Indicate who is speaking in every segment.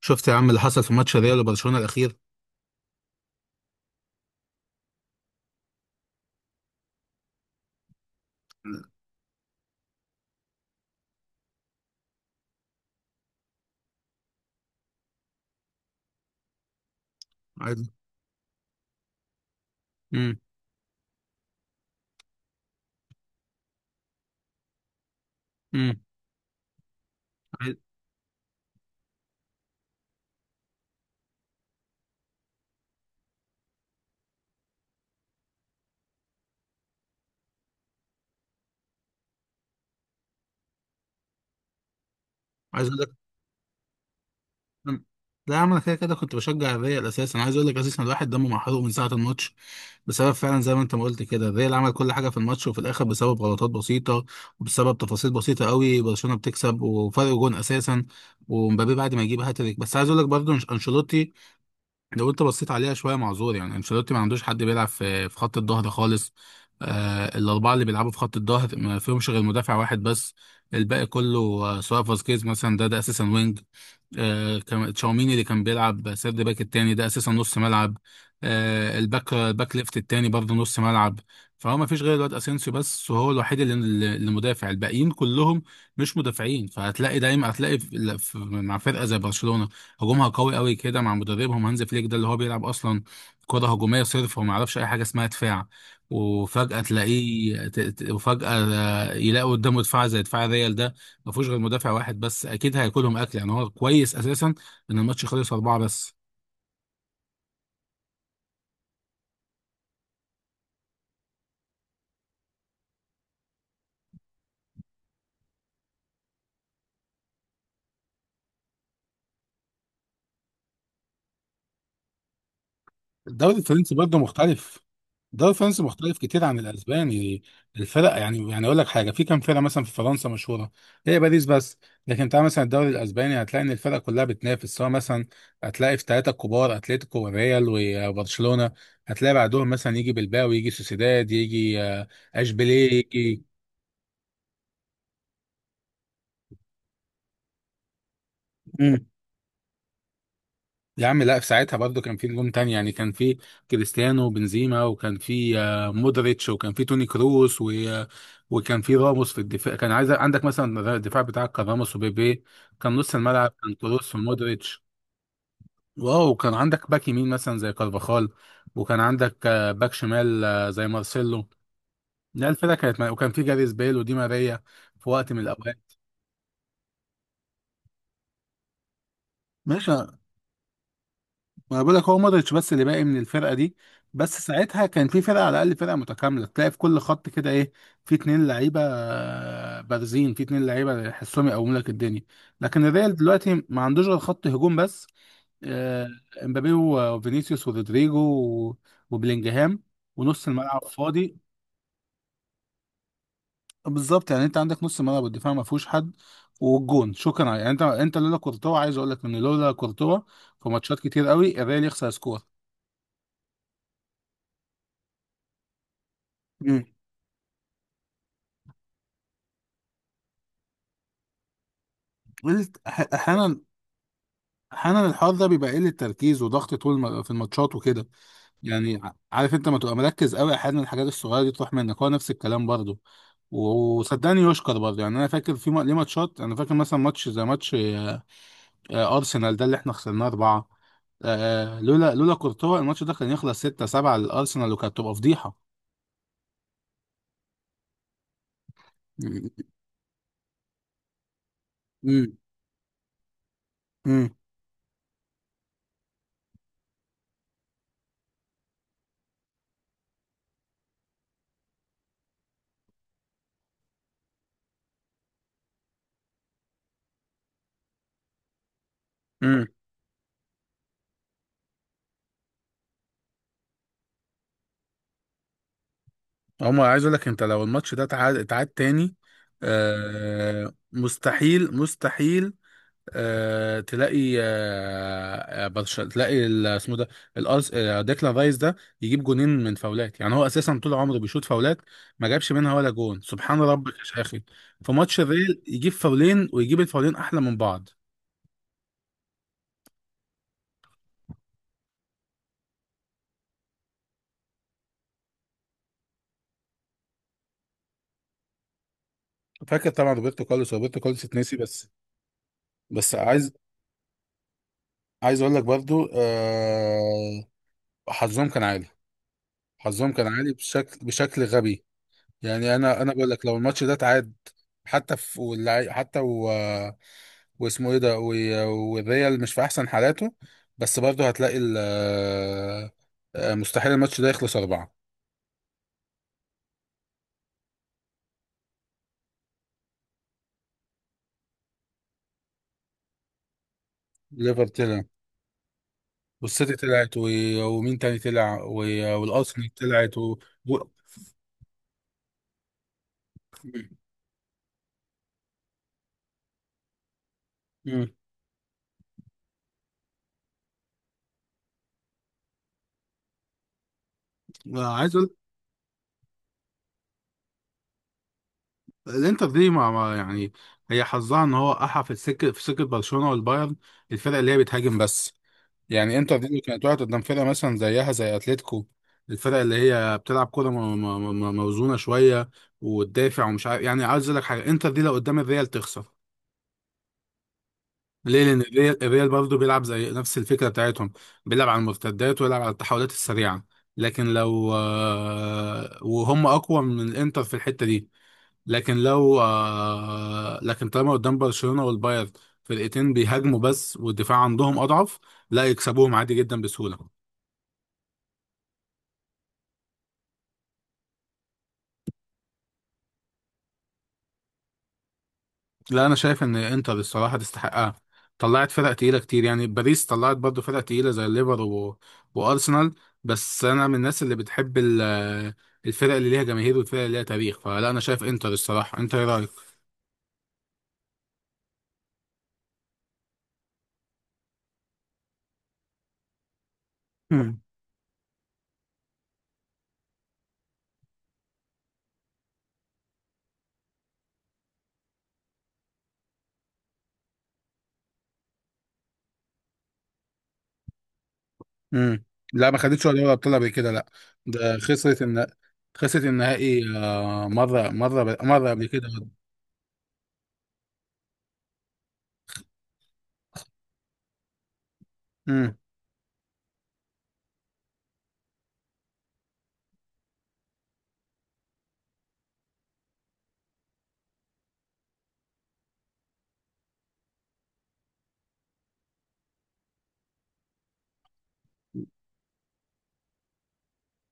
Speaker 1: شفت يا عم اللي حصل في ماتش ريال وبرشلونه الاخير؟ عايز امم امم عايز عايز اقول لك أم- لا يا عم انا كده كده كنت بشجع الريال اساسا. عايز اقول لك اساسا الواحد دمه محروق من ساعه الماتش، بسبب فعلا زي ما انت ما قلت كده. الريال عمل كل حاجه في الماتش، وفي الاخر بسبب غلطات بسيطه وبسبب تفاصيل بسيطه قوي برشلونه بتكسب وفرق جون اساسا ومبابي بعد ما يجيب هاتريك. بس عايز اقول لك برضه، انشيلوتي لو انت بصيت عليها شويه معذور. يعني انشيلوتي ما عندوش حد بيلعب في خط الظهر خالص. الاربعه اللي بيلعبوا في خط الظهر ما فيهمش غير مدافع واحد بس. الباقي كله، سواء فاسكيز مثلا، ده اساسا وينج. تشاوميني اللي كان بيلعب سيرد باك التاني ده اساسا نص ملعب. الباك ليفت التاني برضه نص ملعب. فهو ما فيش غير الواد اسينسيو بس، وهو الوحيد اللي مدافع. الباقيين كلهم مش مدافعين. فهتلاقي دايما، هتلاقي مع فرقه زي برشلونه هجومها قوي قوي كده مع مدربهم هانز فليك، ده اللي هو بيلعب اصلا كره هجوميه صرف وما يعرفش اي حاجه اسمها دفاع، وفجاه تلاقيه ت- ت- وفجاه، يلاقي قدامه دفاع زي دفاع ريال ده ما فيهوش غير مدافع واحد بس. اكيد هياكلهم اكل. يعني هو كويس اساسا ان الماتش خلص 4 بس. الدوري الفرنسي برضه مختلف. الدوري الفرنسي مختلف كتير عن الاسباني. الفرق، يعني اقول لك حاجه، في كام فرقه مثلا في فرنسا مشهوره؟ هي باريس بس. لكن تعال مثلا الدوري الاسباني، هتلاقي ان الفرق كلها بتنافس. سواء مثلا هتلاقي في 3 كبار: اتلتيكو والريال وبرشلونه. هتلاقي بعدهم مثلا يجي بلباو، يجي سوسيداد، يجي اشبيليه يجي. مم. يا عم لا، في ساعتها برضو كان في نجوم تاني. يعني كان في كريستيانو وبنزيما، وكان في مودريتش، وكان في توني كروس و... آه، وكان في راموس في الدفاع. كان عايز عندك مثلا الدفاع بتاعك كان راموس وبيبي. كان نص الملعب كان كروس ومودريتش. واو، كان عندك باك يمين مثلا زي كارفاخال، وكان عندك باك شمال، زي مارسيلو. لا الفرقه وكان في جاريث بيل ودي ماريا في وقت من الاوقات. ماشي، ما بقول لك هو مودريتش بس اللي باقي من الفرقه دي. بس ساعتها كان في فرقه، على الاقل فرقه متكامله تلاقي في كل خط كده ايه. في اتنين لعيبه بارزين، في اتنين لعيبه يحسهم يقوموا لك الدنيا. لكن الريال دلوقتي ما عندوش غير خط هجوم بس: آه، امبابي وفينيسيوس ورودريجو وبلينجهام، ونص الملعب فاضي. بالظبط. يعني انت عندك نص الملعب والدفاع ما فيهوش حد، والجون شكرا. يعني انت لولا كورتوا، عايز اقول لك ان لولا كورتوا في ماتشات كتير قوي الريال يخسر سكور. قلت أح- احيانا احيانا الحوار ده بيبقى قله تركيز وضغط طول في الماتشات وكده. يعني عارف انت، ما تبقى مركز قوي احيانا الحاجات الصغيره دي تروح منك. هو نفس الكلام برضه. وصدقني يشكر برضه. يعني انا فاكر ليه ماتشات، انا فاكر مثلا ماتش زي ماتش ارسنال ده اللي احنا خسرناه 4. لولا كورتوا الماتش ده كان يخلص 6 7 للارسنال وكانت تبقى فضيحه. امم امم عمر، عايز اقول لك انت لو الماتش ده اتعاد تاني، مستحيل مستحيل. تلاقي اسمه ده، الارس آه، ديكلان رايس ده يجيب جونين من فاولات. يعني هو اساسا طول عمره بيشوط فاولات ما جابش منها ولا جون، سبحان ربك يا اخي! في ماتش الريال يجيب فاولين، ويجيب الفاولين احلى من بعض. فاكر طبعا روبرتو كارلوس. روبرتو كارلوس اتنسي بس. بس عايز اقول لك برضو، حظهم كان عالي. حظهم كان عالي بشكل، غبي. يعني انا بقول لك لو الماتش ده اتعاد حتى حتى، واسمه ايه ده، والريال مش في احسن حالاته، بس برضه هتلاقي ال... آه، مستحيل الماتش ده يخلص 4. ليفر طلع، والسيتي طلعت، ومين تاني طلع، والارسنال طلعت و... مم. عايز اقول الانتر دي، يعني هي حظها ان هو احى في سكه برشلونه والبايرن، الفرق اللي هي بتهاجم بس. يعني انتر دي اللي كانت واقعة قدام فرقة مثلا زيها زي اتلتيكو، الفرق اللي هي بتلعب كورة موزونة شوية وتدافع ومش عارف. يعني عايز اقول لك حاجة: انتر دي لو قدام الريال تخسر. ليه؟ لأن الريال برضه بيلعب زي نفس الفكرة بتاعتهم، بيلعب على المرتدات ويلعب على التحولات السريعة. لكن لو، وهم أقوى من الانتر في الحتة دي. لكن لو آه، لكن طالما قدام برشلونة والبايرن، فرقتين بيهاجموا بس والدفاع عندهم أضعف، لا يكسبوهم عادي جدا بسهولة. لا انا شايف ان انتر، الصراحه، تستحقها. طلعت فرق تقيله كتير. يعني باريس طلعت برضو فرق تقيله زي الليفر، وارسنال. بس انا من الناس اللي بتحب الفرق اللي ليها جماهير والفرق اللي ليها تاريخ، فلا انا شايف انتر الصراحه. انت ايه رايك؟ مم. مم. لا ما خدتش ولا دوري ابطال قبل كده، لا. ده خسرت خسرت النهائي، مره مره مره قبل كده.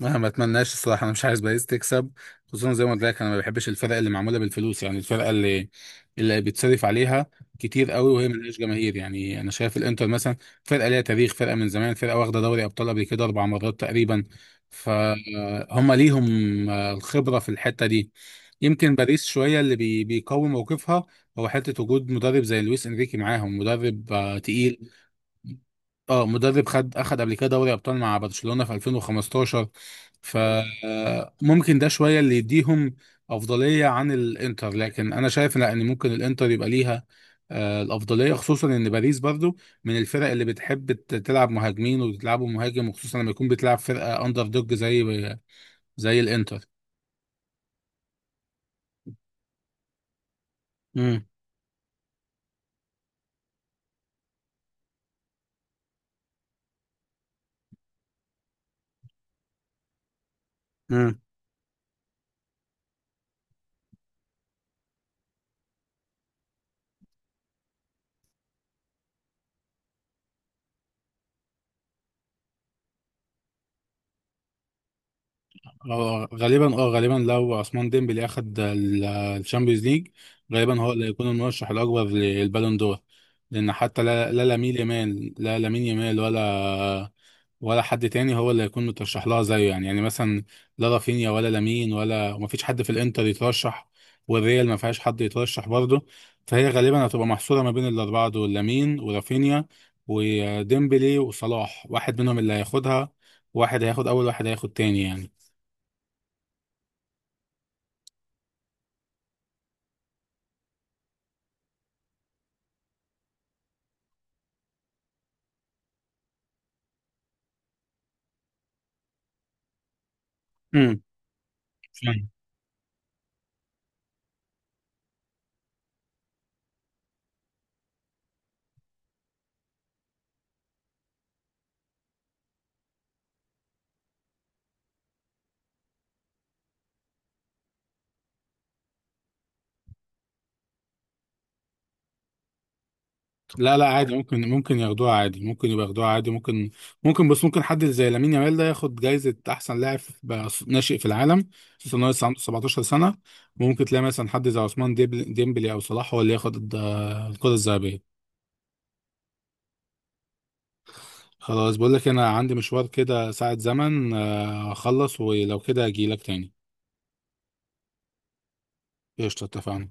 Speaker 1: انا ما اتمناش، الصراحه. انا مش عايز باريس تكسب. خصوصا زي ما قلت لك، انا ما بحبش الفرقه اللي معموله بالفلوس. يعني الفرقه اللي بيتصرف عليها كتير قوي وهي ملهاش جماهير. يعني انا شايف الانتر مثلا فرقه ليها تاريخ، فرقه من زمان، فرقه واخده دوري ابطال قبل كده 4 مرات تقريبا. فهم ليهم الخبره في الحته دي. يمكن باريس شويه اللي بيقوي موقفها هو حته وجود مدرب زي لويس انريكي معاهم، مدرب تقيل. اه، مدرب اخد قبل كده دوري ابطال مع برشلونة في 2015. مم. فممكن ده شوية اللي يديهم افضلية عن الانتر. لكن انا شايف لا، ان ممكن الانتر يبقى ليها الافضلية. خصوصا ان باريس برضو من الفرق اللي بتحب تلعب مهاجمين وبتلعبوا مهاجم، وخصوصا لما يكون بتلعب فرقة اندر دوج زي الانتر. مم. اه غالبا لو عثمان ديمبلي اخد الشامبيونز ليج، غالبا هو اللي هيكون المرشح الاكبر للبالون دور. لان حتى لا لامين يامال ولا حد تاني هو اللي هيكون مترشح لها زيه. يعني، مثلا لا رافينيا ولا لامين وما فيش حد في الانتر يترشح، والريال ما فيهاش حد يترشح برضه. فهي غالبا هتبقى محصوره ما بين الاربعه دول: لامين ورافينيا وديمبلي وصلاح. واحد منهم اللي هياخدها. واحد هياخد اول، واحد هياخد تاني يعني. فاهم. لا لا عادي، ممكن ياخدوها عادي، ممكن يبقى ياخدوها عادي، ممكن. بس ممكن حد زي لامين يامال ده ياخد جايزة أحسن لاعب بقى ناشئ في العالم، خصوصا إن هو لسه عنده 17 سنة. ممكن تلاقي مثلا حد زي عثمان ديمبلي أو صلاح هو اللي ياخد الكرة الذهبية. خلاص، بقول لك أنا عندي مشوار كده ساعة زمن، أخلص ولو كده أجيلك تاني. قشطة، اتفقنا.